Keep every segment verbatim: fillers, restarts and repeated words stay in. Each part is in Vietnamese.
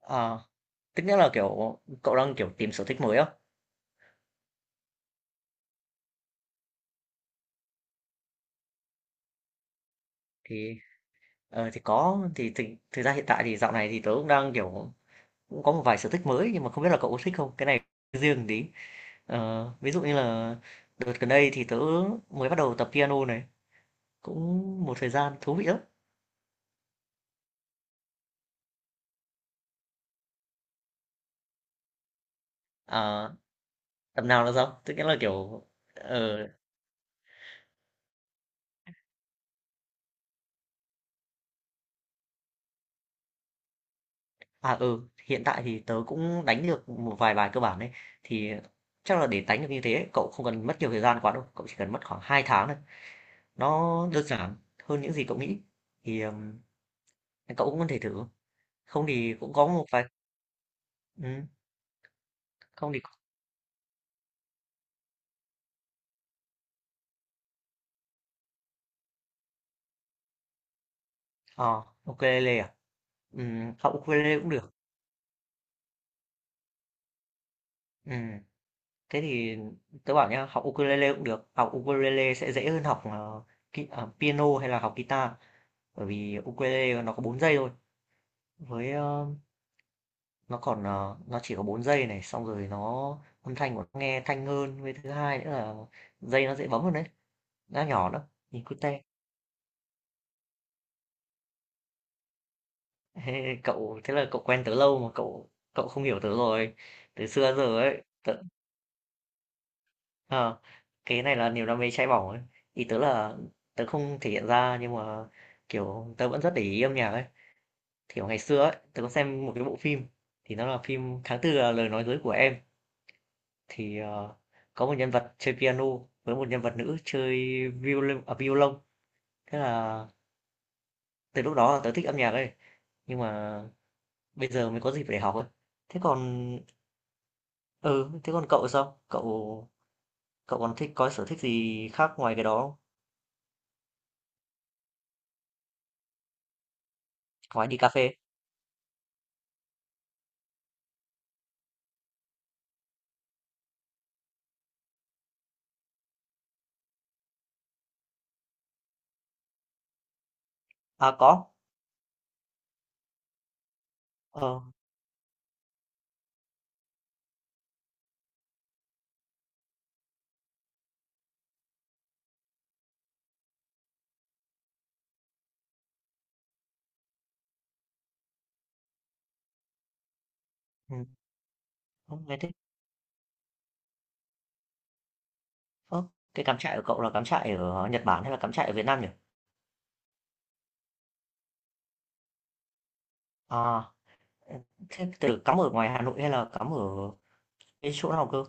À, tức nghĩa là, kiểu, cậu đang, kiểu, tìm sở thích mới á? Thì, ờ, thì có, thì thực thực ra hiện tại thì dạo này thì tớ cũng đang, kiểu, cũng có một vài sở thích mới nhưng mà không biết là cậu có thích không? Cái này riêng tí. Ờ, ví dụ như là đợt gần đây thì tớ mới bắt đầu tập piano này, cũng một thời gian thú vị lắm. À, tập nào là sao? Tức nghĩa là, kiểu, ờ, à, ừ, hiện tại thì tớ cũng đánh được một vài bài cơ bản đấy thì chắc là để đánh được như thế cậu không cần mất nhiều thời gian quá đâu, cậu chỉ cần mất khoảng hai tháng. Nó đơn giản hơn những gì cậu nghĩ, thì, ừm, cậu cũng có thể thử. Không thì cũng có một vài ừm, không thì ờ, ukulele à? Ừm, học ukulele cũng được. Ừm, Thế thì tớ bảo nhá, học ukulele cũng được. Học ukulele sẽ dễ hơn học, ờ, ki à, piano hay là học guitar, bởi vì ukulele nó có bốn giây thôi. Với, ơ, nó còn, ờ, nó chỉ có bốn giây này, xong rồi nó âm thanh của nó nghe thanh hơn, với thứ hai nữa là dây nó dễ bấm hơn đấy, nó nhỏ nữa, nhìn cute. Ê, cậu thế là cậu quen tớ lâu mà cậu cậu không hiểu tớ rồi từ xưa giờ ấy tớ, ờ, cái này là niềm đam mê cháy bỏng ấy ý tớ là tớ không thể hiện ra nhưng mà kiểu tớ vẫn rất để ý âm nhạc ấy kiểu ngày xưa ấy tớ có xem một cái bộ phim thì nó là phim Tháng Tư là lời nói dối của em thì ờ, có một nhân vật chơi piano với một nhân vật nữ chơi violon à, violon thế là từ lúc đó là tớ thích âm nhạc ấy nhưng mà bây giờ mới có dịp để học ấy thế còn. Ừ, thế còn cậu sao? Cậu cậu còn thích có sở thích gì khác ngoài cái đó không? Ngoài đi cà phê. À có. Ờ, ừ, không nghe thích. Ơ, cái cắm trại của cậu là cắm trại ở Nhật Bản hay là cắm trại ở Việt Nam nhỉ? À, thế từ cắm ở ngoài Hà Nội hay là cắm ở cái chỗ nào cơ?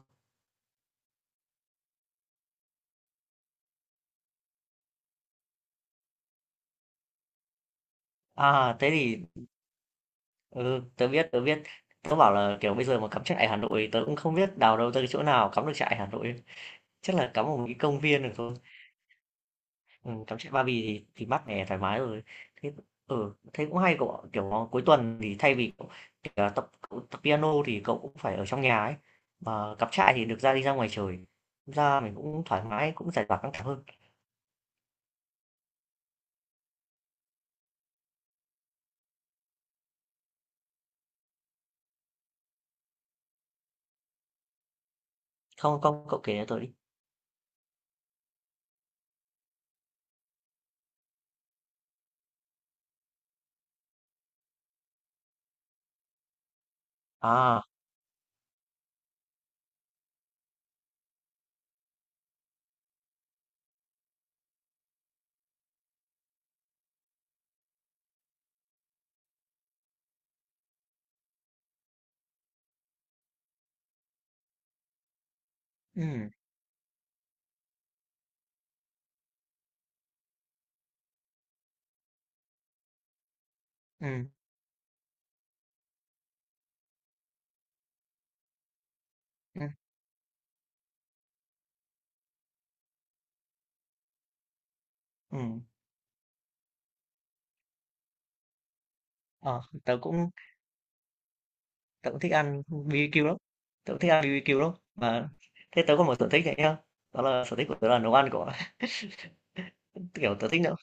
À, thế thì ừ, tớ biết, tớ biết. Tớ bảo là kiểu bây giờ mà cắm trại Hà Nội tớ cũng không biết đào đâu tới cái chỗ nào cắm được trại Hà Nội. Chắc là cắm ở một cái công viên được thôi. Ừm, cắm trại Ba Vì thì thì mát mẻ, thoải mái rồi. Thế ừ, Thế cũng hay cậu ạ. Kiểu, ờ, cuối tuần thì thay vì, cậu, kiểu là, tập cậu tập piano thì cậu cũng phải ở trong nhà ấy, mà cắm trại thì được ra đi ra ngoài trời, ra mình cũng thoải mái, cũng giải tỏa căng thẳng hơn. Không, không, cậu kể cho tớ đi. À, ừm, ừm, ừm, ừm, ờ, tớ cũng tớ cũng thích ăn bê bê kiu lắm, tớ cũng thích ăn bê bê kiu lắm. Mà thế tớ có một sở thích này nhá, đó là sở thích của tớ là nấu ăn cậu ạ. Kiểu, tớ thích nấu.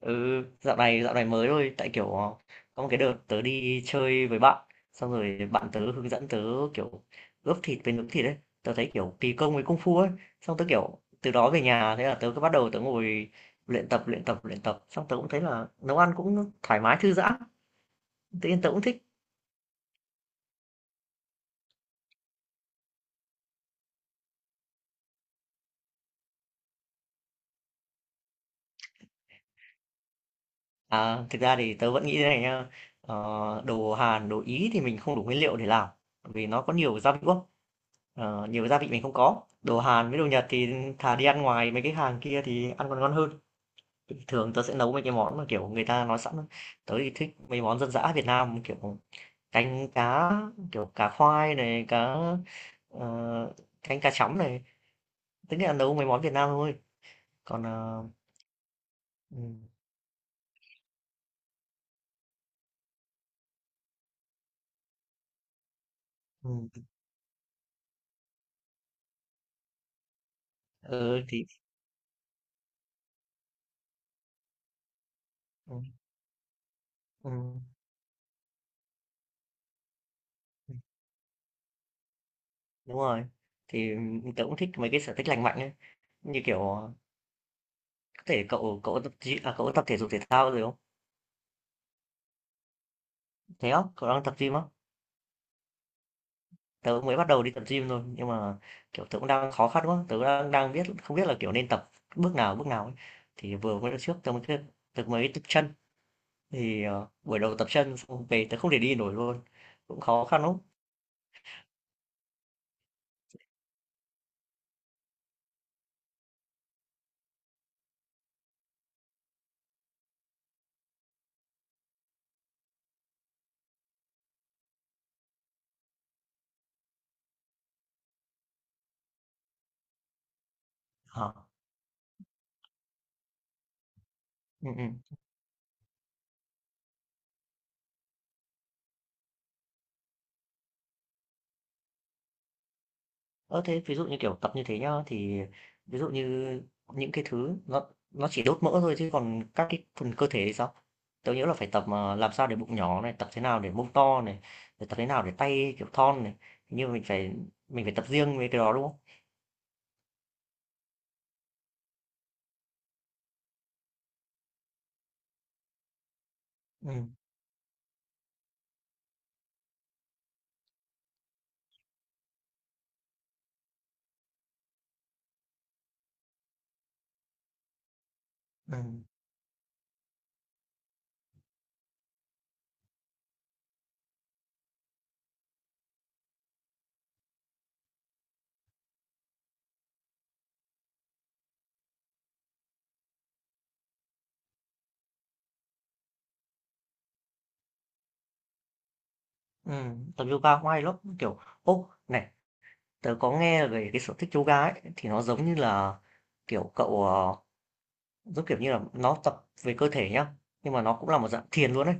Ừ, dạo này dạo này mới thôi, tại kiểu ờ, có một cái đợt tớ đi chơi với bạn, xong rồi bạn tớ hướng dẫn tớ kiểu ướp thịt với nướng thịt ấy, tớ thấy kiểu kỳ công với công phu ấy, xong tớ kiểu từ đó về nhà thế là tớ cứ bắt đầu tớ ngồi luyện tập luyện tập luyện tập, xong tớ cũng thấy là nấu ăn cũng thoải mái thư giãn, tự nhiên tớ cũng thích. À, thực ra thì tớ vẫn nghĩ thế này nha, ờ, đồ Hàn, đồ Ý thì mình không đủ nguyên liệu để làm, vì nó có nhiều gia vị quá. Ờ, nhiều gia vị mình không có đồ Hàn với đồ Nhật thì thà đi ăn ngoài mấy cái hàng kia thì ăn còn ngon hơn thường tớ sẽ nấu mấy cái món mà kiểu người ta nói sẵn tớ thì thích mấy món dân dã Việt Nam kiểu canh cá kiểu cá khoai này cá ờ, canh cá chấm này tức là nấu mấy món Việt Nam thôi còn ờ, ừ, ừ, ừ, thì ừ, ừ, đúng rồi thì tớ cũng thích mấy cái sở thích lành mạnh ấy như kiểu ờ, có thể cậu cậu tập gym- à, cậu tập thể dục thể thao rồi không thế không cậu đang tập gym á. Tớ mới bắt đầu đi tập gym thôi, nhưng mà, kiểu, tớ cũng đang khó khăn quá, tớ đang đang biết không biết là, kiểu, nên tập bước nào, bước nào ấy. Thì vừa mới trước tớ mới kết tớ mới tập chân, thì, ờ, buổi đầu tập chân xong về tớ không thể đi nổi luôn, cũng khó khăn lắm. Ờ, ừ, ừ. Ơ, thế ví dụ như, kiểu, tập như thế nhá, thì ví dụ như những cái thứ nó nó chỉ đốt mỡ thôi chứ còn các cái phần cơ thể thì sao? Tớ nhớ là phải tập, mà làm sao để bụng nhỏ này, tập thế nào để mông to này, rồi tập thế nào để tay, kiểu, thon này, hình như mình phải mình phải tập riêng về cái đó, đúng không? Ừm, ừm, ừm, tập yoga cũng hay lắm, kiểu ô, này, tớ có nghe về cái sở thích yoga ấy, thì nó giống như là, kiểu, cậu, ờ, giống kiểu như là, nó tập về cơ thể nhá, nhưng mà nó cũng là một dạng thiền luôn ấy.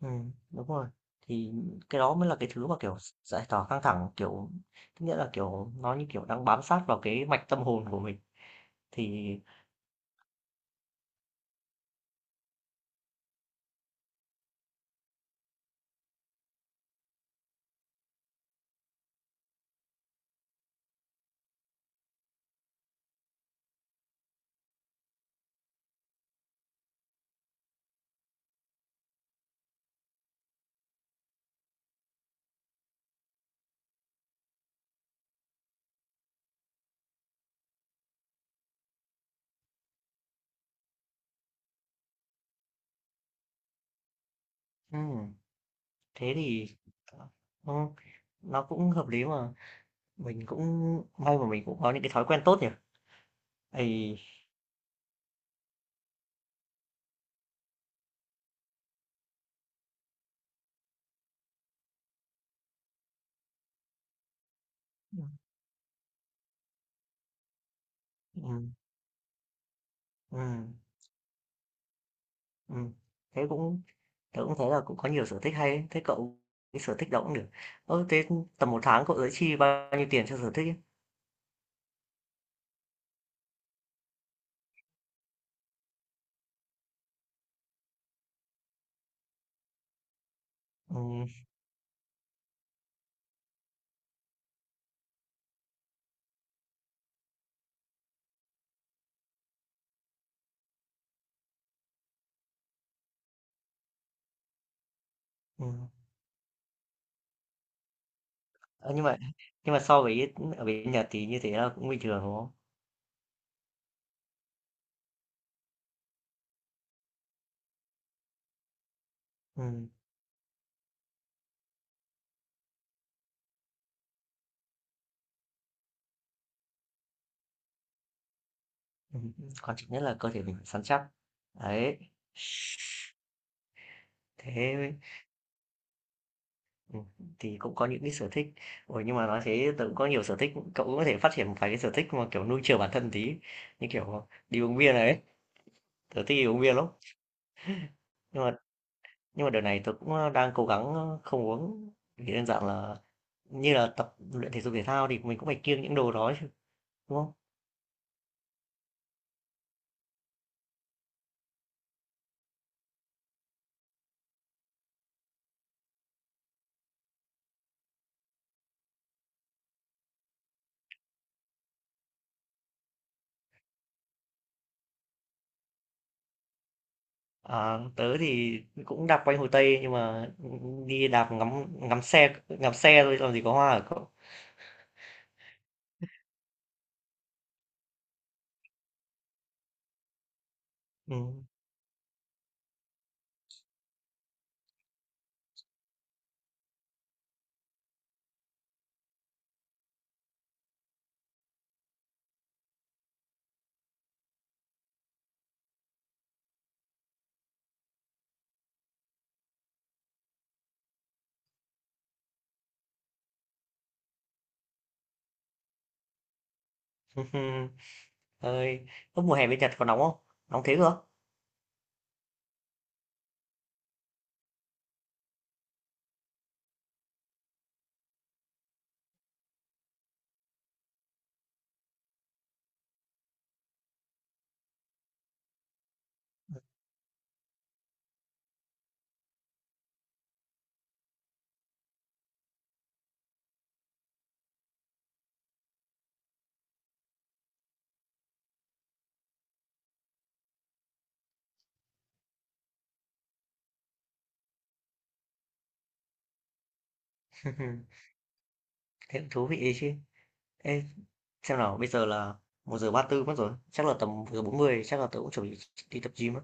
Ừm, đúng rồi. Thì cái đó mới là cái thứ mà, kiểu, giải tỏa căng thẳng, kiểu, tức nghĩa là, kiểu, nó như kiểu đang bám sát vào cái mạch tâm hồn của mình, thì Ừm. Thế thì ờ, ừ, nó cũng hợp lý mà. Mình cũng may mà mình cũng có những cái thói quen tốt nhỉ? Thì ừ, ừ, ừm, ừm, thế cũng tớ cũng thấy là cũng có nhiều sở thích hay ấy, thế cậu cái sở thích đó cũng được. Ơ, thế tầm một tháng cậu sẽ chi bao nhiêu tiền cho sở thích ấy? Ừm, ừm. Ờ, nhưng mà nhưng mà so với ở bên Nhật thì như thế là cũng bình thường đúng không? Ừm, ừm, ừm. Quan trọng nhất là cơ thể mình phải săn chắc. Đấy. Thế mới- ừ, thì cũng có những cái sở thích. Ủa nhưng mà nói thế tớ cũng có nhiều sở thích, cậu cũng có thể phát triển một vài cái sở thích mà kiểu nuôi chiều bản thân tí, như kiểu đi uống bia này ấy. Tớ thích đi uống bia lắm. Nhưng mà nhưng mà đợt này tớ cũng ờ, đang cố gắng ờ, không uống vì đơn giản là như là tập luyện thể dục thể thao thì mình cũng phải kiêng những đồ đó chứ, đúng không? Ờ, tớ thì cũng đạp quanh Hồ Tây nhưng mà đi đạp ngắm ngắm xe ngắm xe thôi làm gì có hoa ở cậu. Ừ. Ơi, lúc mùa hè bên Nhật có nóng không? Nóng thế cơ? Thế cũng thú vị đấy chứ. Ê, xem nào, bây giờ là một giờ ba mươi tư mất rồi. Chắc là tầm một giờ bốn mươi chắc là tớ cũng chuẩn bị đi tập gym á.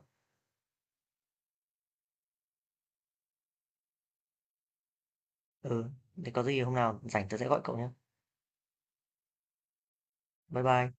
Ừ, thế có gì hôm nào rảnh tớ sẽ gọi cậu nhé. Bye bye.